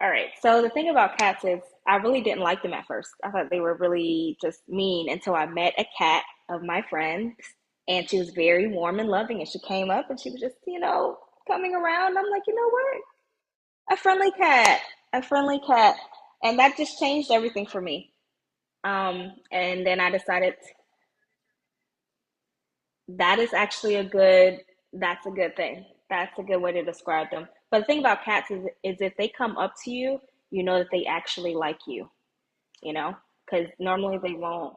All right. So the thing about cats is I really didn't like them at first. I thought they were really just mean until I met a cat of my friend, and she was very warm and loving, and she came up and she was just, coming around. I'm like, you know what? A friendly cat. A friendly cat. And that just changed everything for me. And then I decided that is actually a good that's a good thing. That's a good way to describe them. But the thing about cats is if they come up to you, you know that they actually like you, because normally they won't.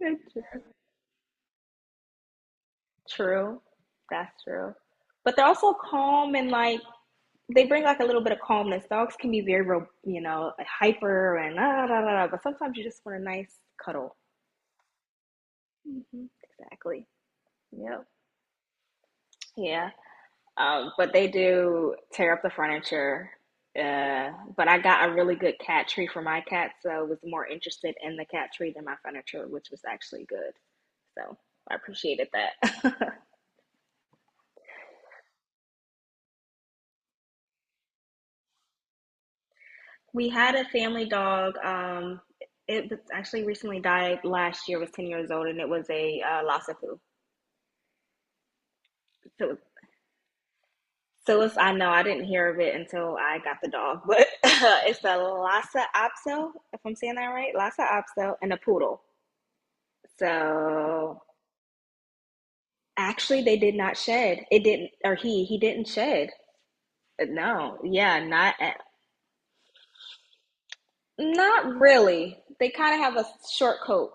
It's just True. That's true. But they're also calm, and like they bring like a little bit of calmness. Dogs can be very, you know, hyper and da, da, da, da, but sometimes you just want a nice cuddle. Hmm. Exactly. Yep. Yeah. But they do tear up the furniture. Uh, but I got a really good cat tree for my cat, so I was more interested in the cat tree than my furniture, which was actually good. So I appreciated that. We had a family dog. It was actually recently died last year. Was 10 years old, and it was a Lhasa Poo. So, so it's, I know I didn't hear of it until I got the dog, but it's a Lhasa Apso, if I'm saying that right, Lhasa Apso, and a poodle. So actually, they did not shed. It didn't, or he didn't shed. No, yeah, not not really. They kind of have a short coat.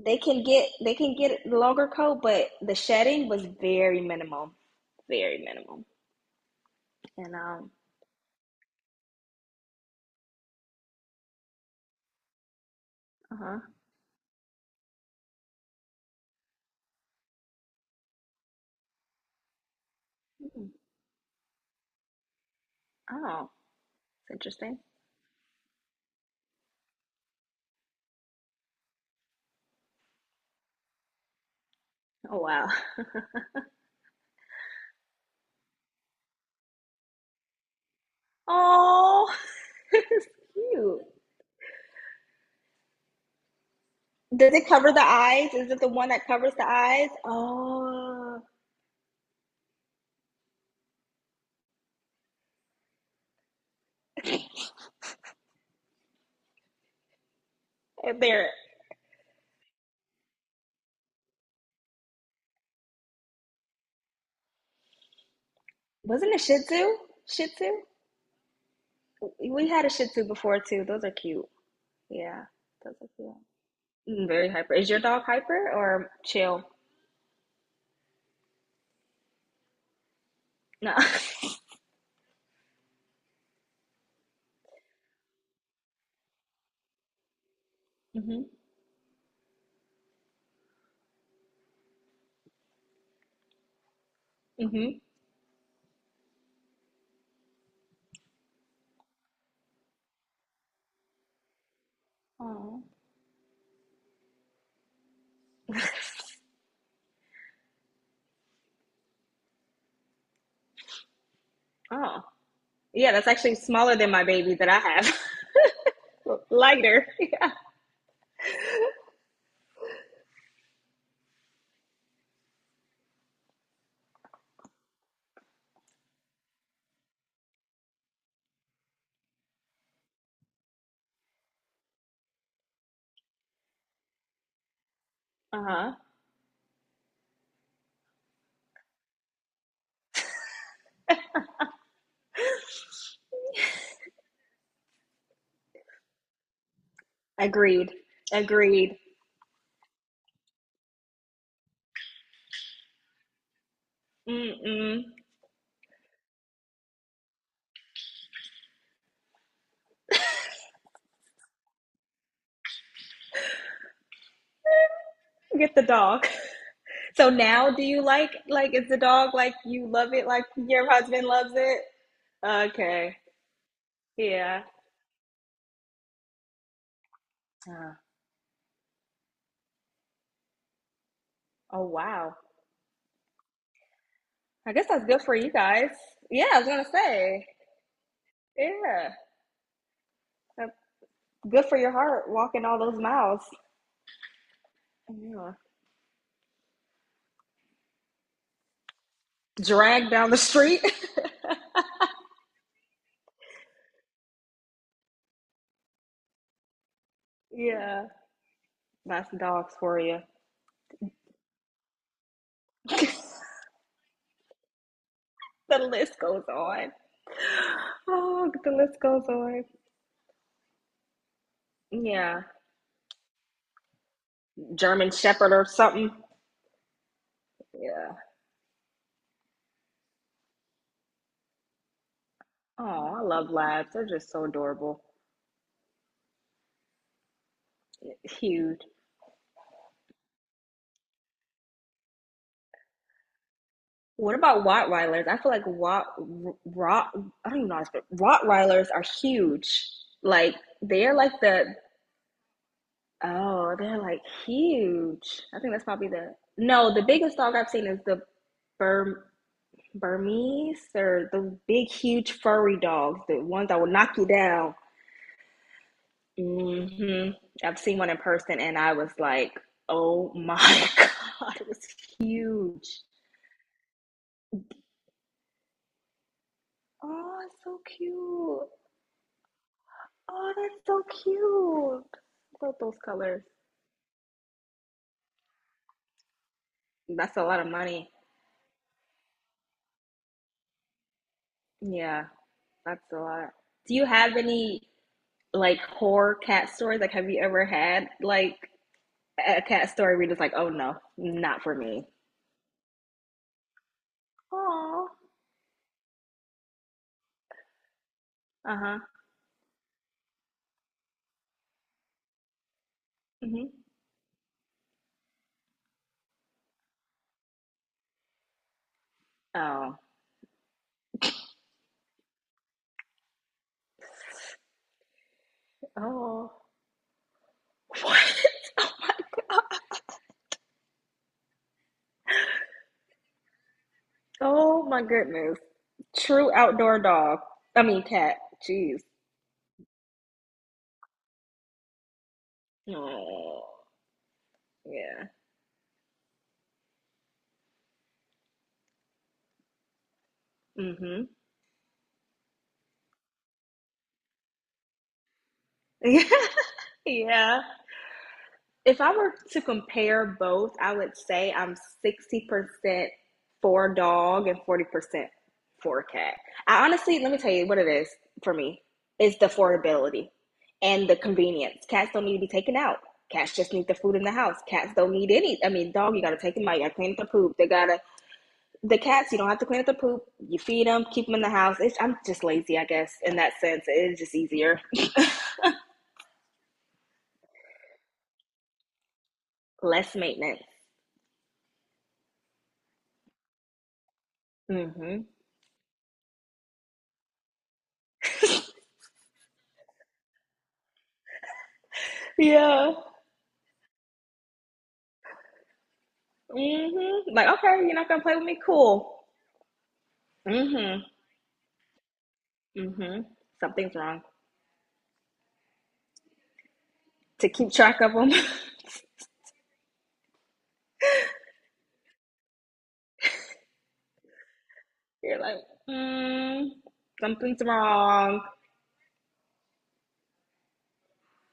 They can get the longer coat, but the shedding was very minimal, very minimal. And uh huh. Oh, it's interesting. Oh wow. Oh, it's cute. Does it cover the eyes? Is it the one that covers the eyes? Oh, there wasn't a Shih Tzu. Shih Tzu. We had a Shih Tzu before too. Those are cute. Yeah, those are cute. Mm, very hyper. Is your dog hyper or chill? No. Mm-hmm. Oh. Oh. Yeah, that's actually smaller than my baby that I have. Lighter. Uh-huh. Agreed. Agreed. Mm-mm. Get the dog. So now do you like is the dog like you love it like your husband loves it? Okay. Yeah. Uh, oh wow. I guess that's good for you guys. Yeah, I was gonna say. Yeah. That's good for your heart walking all those miles. Yeah. Drag down the street. Yeah. That's dogs for you. The list goes on. Oh, the list goes on. Yeah. German Shepherd or something. Yeah. Oh, I love labs. They're just so adorable. Huge. What about Rottweilers? I feel like Rott, I don't even know how to speak. Rottweilers are huge. Like, they're like the, oh, they're like huge. I think that's probably the, no, the biggest dog I've seen is the Burm, Burmese or the big, huge, furry dogs, the ones that will knock you down. Hmm. I've seen one in person and I was like, oh my God, it was huge. Oh, it's so cute. Oh, that's so cute. Love those colors. That's a lot of money. Yeah, that's a lot. Do you have any like horror cat stories? Like, have you ever had like a cat story where you're just like, oh no, not for me? Oh, uh-huh. Hmm. Oh. Oh. What? Oh my god. Oh my goodness. True outdoor dog. I mean cat. Jeez. Oh. Yeah. Hmm. Yeah. Yeah. If I were to compare both, I would say I'm 60% for dog and 40% for cat. I honestly, let me tell you what it is for me. It's the affordability and the convenience. Cats don't need to be taken out. Cats just need the food in the house. Cats don't need any. I mean, dog, you gotta take them out. You gotta clean up the poop. They gotta the cats. You don't have to clean up the poop. You feed them, keep them in the house. It's, I'm just lazy, I guess, in that sense. It is just easier, less maintenance. Hmm. Yeah. Mm-hmm. Like, okay, you're not gonna play with me? Cool. Mm-hmm. Mm-hmm. Something's wrong. To keep track of them, you're like, mm, something's wrong.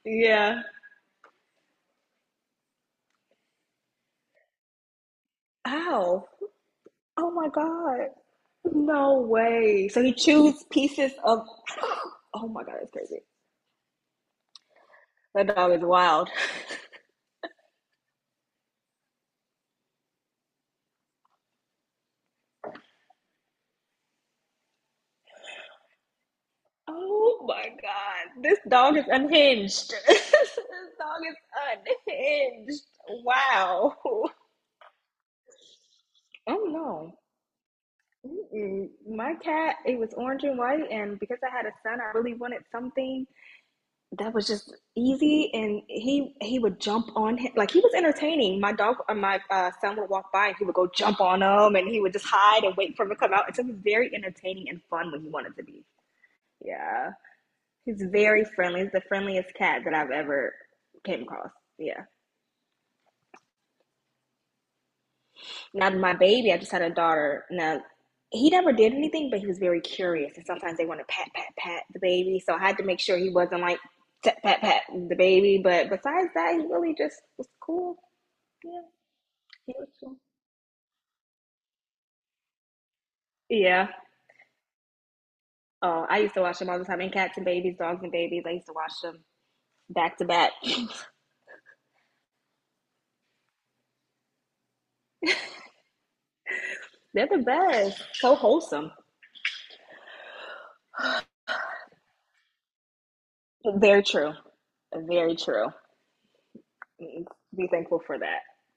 Yeah. Ow. Oh my God. No way. So he chews pieces of. Oh my God, that's crazy. That dog is wild. Oh my God. This dog is unhinged. This dog is unhinged. Wow. Oh no. Mm-mm. My cat, it was orange and white, and because I had a son, I really wanted something that was just easy. And he would jump on him, like he was entertaining. My dog, my son would walk by, and he would go jump on him, and he would just hide and wait for him to come out. And so he was very entertaining and fun when he wanted to be. Yeah, he's very friendly. He's the friendliest cat that I've ever came across. Yeah. Now my baby, I just had a daughter. Now he never did anything, but he was very curious, and sometimes they want to pat pat pat the baby. So I had to make sure he wasn't like pat pat pat the baby. But besides that, he really just was cool. Yeah, he was cool. Yeah. Oh, I used to watch them all the time. And cats and babies, dogs and babies. I used to watch them back to back. They're the best. So wholesome. Very true. Very true. Mm, be thankful for that.